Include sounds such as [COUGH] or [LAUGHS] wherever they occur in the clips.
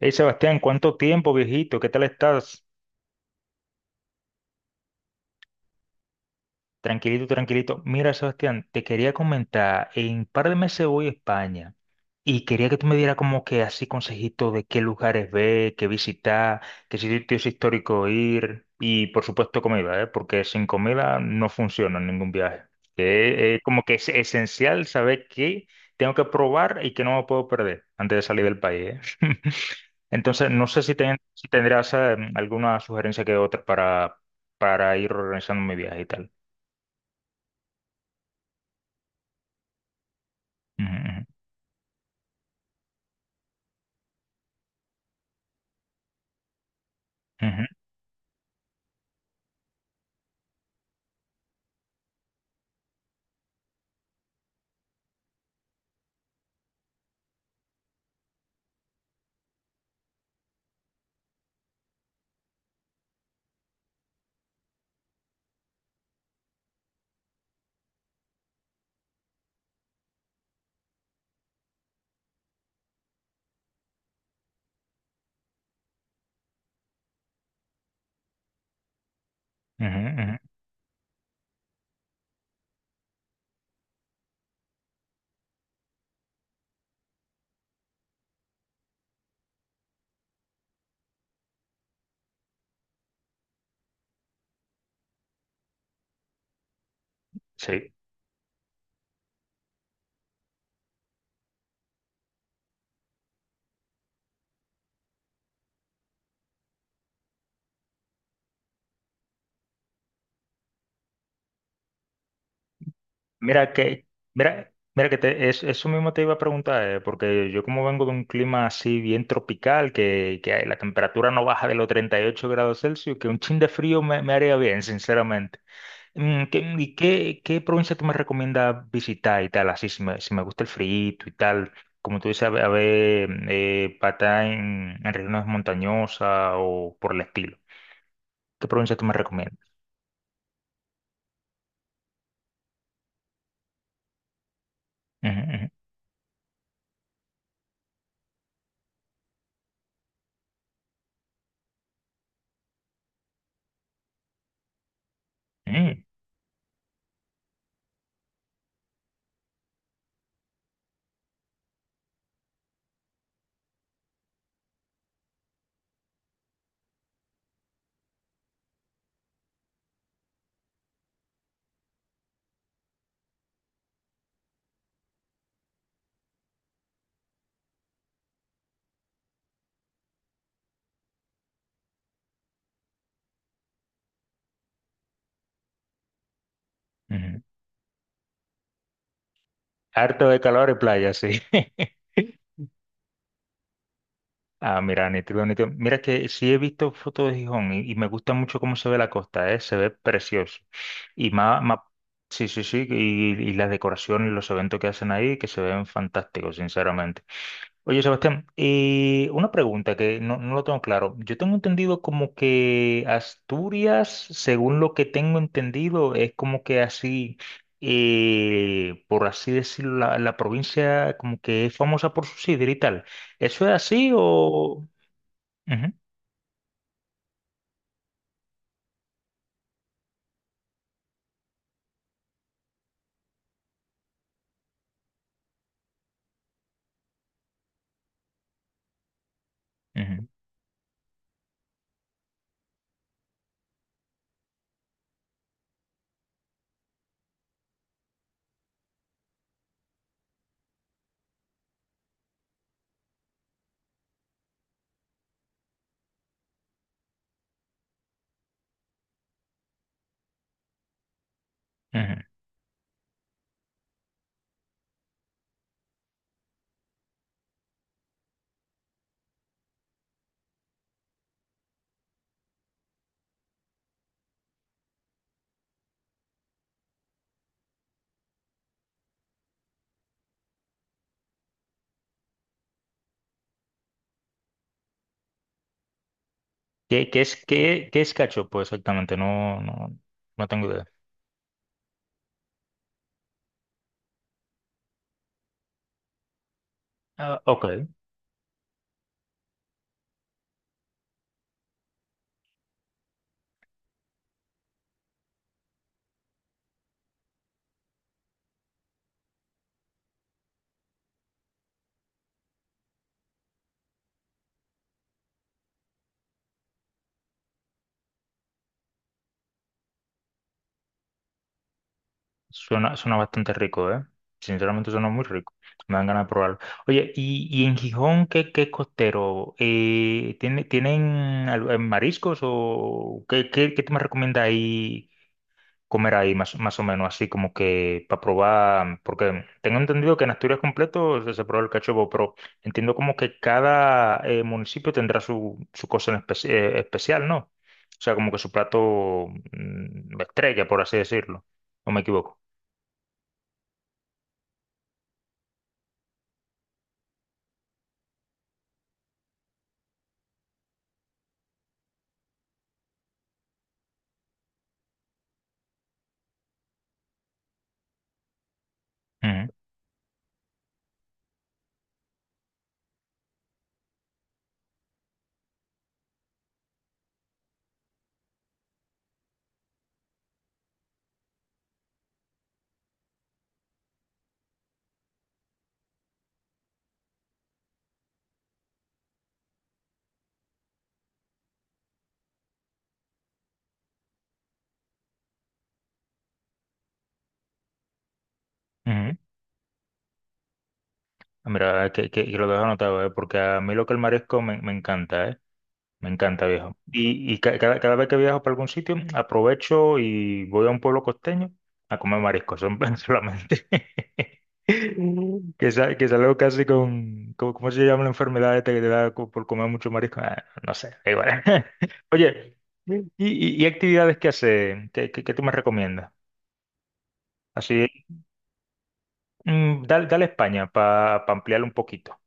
Hey Sebastián, ¿cuánto tiempo, viejito? ¿Qué tal estás? Tranquilito, tranquilito. Mira, Sebastián, te quería comentar, en un par de meses voy a España y quería que tú me dieras como que así consejitos de qué lugares ver, qué visitar, qué sitios históricos ir y por supuesto comida, ¿eh? Porque sin comida no funciona ningún viaje. Que es como que es esencial saber qué tengo que probar y qué no me puedo perder antes de salir del país, ¿eh? [LAUGHS] Entonces, no sé si tendrás alguna sugerencia que otra para ir organizando mi viaje y tal. Ujú, ujú, ujú, ujú. Sí, mira que, mira que eso mismo te iba a preguntar, porque yo como vengo de un clima así bien tropical, que la temperatura no baja de los 38 grados Celsius, que un chin de frío me haría bien, sinceramente. ¿Y qué provincia tú me recomiendas visitar y tal? Así, si me gusta el frío y tal, como tú dices, a ver, para en regiones montañosas o por el estilo. ¿Qué provincia tú me recomiendas? Ujú, ujú, ujú, ujú. Harto de calor y playa, sí. [LAUGHS] Ah, mira, nítido, nítido. Mira que sí he visto fotos de Gijón y me gusta mucho cómo se ve la costa, ¿eh? Se ve precioso. Y más, más, sí, sí, sí, y las decoraciones, los eventos que hacen ahí, que se ven fantásticos, sinceramente. Oye, Sebastián, una pregunta que no lo tengo claro. Yo tengo entendido como que Asturias, según lo que tengo entendido, es como que así, por así decirlo, la provincia como que es famosa por su sidra y tal. ¿Eso es así o...? Ujú, ujú, ujú. ¿Qué, qué es cachopo exactamente? No, no, no tengo idea. Ah, ok. Suena, suena bastante rico, ¿eh? Sinceramente suena muy rico. Me dan ganas de probarlo. Oye, ¿y en Gijón qué, qué es costero? ¿Tienen mariscos o qué tú me recomiendas ahí comer ahí más, más o menos? Así como que para probar, porque tengo entendido que en Asturias completo se prueba el cachopo, pero entiendo como que cada municipio tendrá su, su cosa en especial, ¿no? O sea, como que su plato estrella, por así decirlo. ¿O me equivoco? Ujú. Ah, mira, que lo dejo anotado, ¿eh? Porque a mí lo que el marisco me encanta, ¿eh? Me encanta, viejo. Y cada vez que viajo para algún sitio, aprovecho y voy a un pueblo costeño a comer marisco, [LAUGHS] solamente. [LAUGHS] Que, que salgo casi ¿cómo se llama la enfermedad esta que te da por comer mucho marisco? Ah, no sé, da igual. [LAUGHS] Oye, ¿y actividades que hace? ¿Qué, qué tú me recomiendas? Así, dale, dale a España para ampliar un poquito.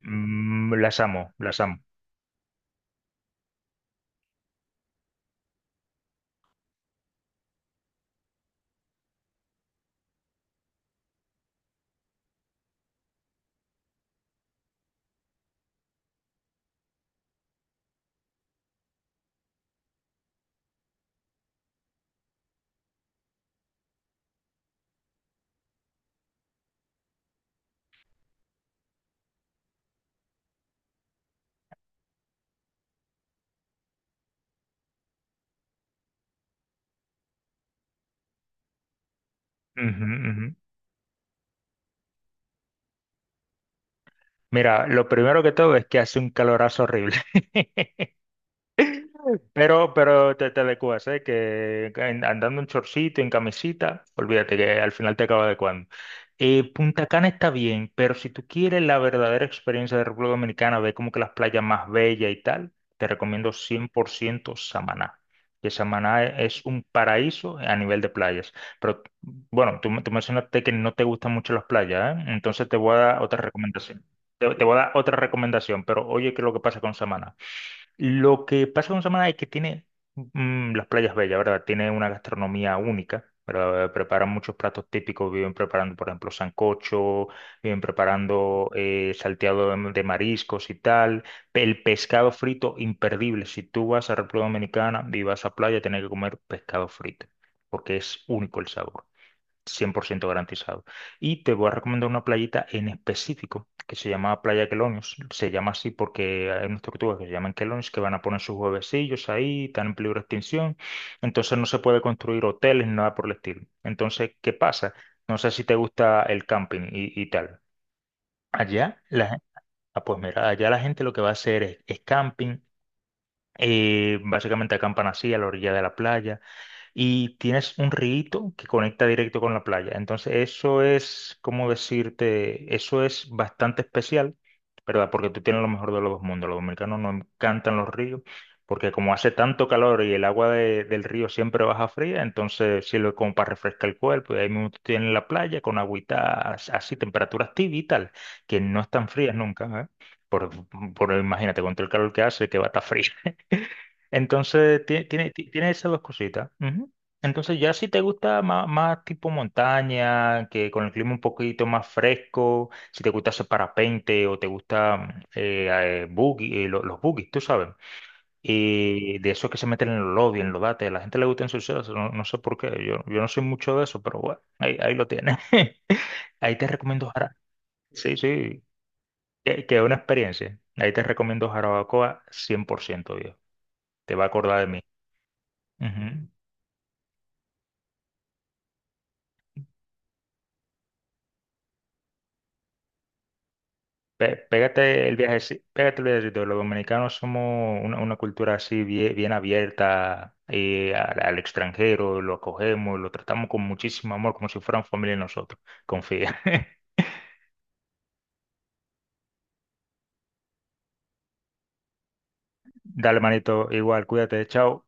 Mm, las amo, las amo. Ujú, ujú. Mira, lo primero que todo es que hace un calorazo horrible. [LAUGHS] Pero, pero te adecuas, ¿eh? Que andando en chorcito, en camisita, olvídate que al final te acaba adecuando. Punta Cana está bien, pero si tú quieres la verdadera experiencia de República Dominicana, ver como que las playas más bellas y tal, te recomiendo 100% Samaná. Que Samaná es un paraíso a nivel de playas. Pero bueno, tú mencionaste que no te gustan mucho las playas, ¿eh? Entonces te voy a dar otra recomendación. Te voy a dar otra recomendación, pero oye, ¿qué es lo que pasa con Samaná? Lo que pasa con Samaná es que tiene las playas bellas, ¿verdad? Tiene una gastronomía única, ¿verdad? Preparan muchos platos típicos, viven preparando, por ejemplo, sancocho, viven preparando salteado de mariscos y tal. El pescado frito, imperdible. Si tú vas a República Dominicana y vas a playa, tienes que comer pescado frito, porque es único el sabor. 100% garantizado. Y te voy a recomendar una playita en específico que se llama Playa Quelonios. Se llama así porque hay unas tortugas que se llaman Quelonios que van a poner sus huevecillos ahí, están en peligro de extinción. Entonces no se puede construir hoteles ni nada por el estilo. Entonces, ¿qué pasa? No sé si te gusta el camping y tal. Allá, la, gen- ah, pues mira, allá la gente lo que va a hacer es camping. Básicamente acampan así a la orilla de la playa y tienes un rito que conecta directo con la playa. Entonces, eso es, ¿cómo decirte? Eso es bastante especial, ¿verdad? Porque tú tienes lo mejor de los dos mundos. Los dominicanos nos encantan los ríos, porque como hace tanto calor y el agua del río siempre baja fría, entonces sirve como para refrescar el cuerpo. Y ahí mismo tú tienes la playa con agüita así, temperaturas tibias y tal, que no están frías nunca, ¿eh? Por imagínate, con todo el calor que hace, que va a estar fría. [LAUGHS] Entonces, tiene esas dos cositas. Ujú. Entonces, ya si te gusta más, más tipo montaña, que con el clima un poquito más fresco, si te gusta hacer parapente o te gusta eh, buggy, los buggies, tú sabes, y de esos que se meten en los lobbies, en los dates, a la gente le gusta ensuciarse, no, no sé por qué, yo no soy mucho de eso, pero bueno, ahí lo tienes. [LAUGHS] Ahí te recomiendo Jara. Sí, sí, que es una experiencia. Ahí te recomiendo Jarabacoa 100%, viejo. Te va a acordar de mí. Ujú. Pégate el viaje, sí, pégate el viajecito. Los dominicanos somos una cultura así bien, bien abierta al, al extranjero, lo acogemos, lo tratamos con muchísimo amor, como si fueran familia de nosotros. Confía. [LAUGHS] Dale, manito, igual, cuídate, chao.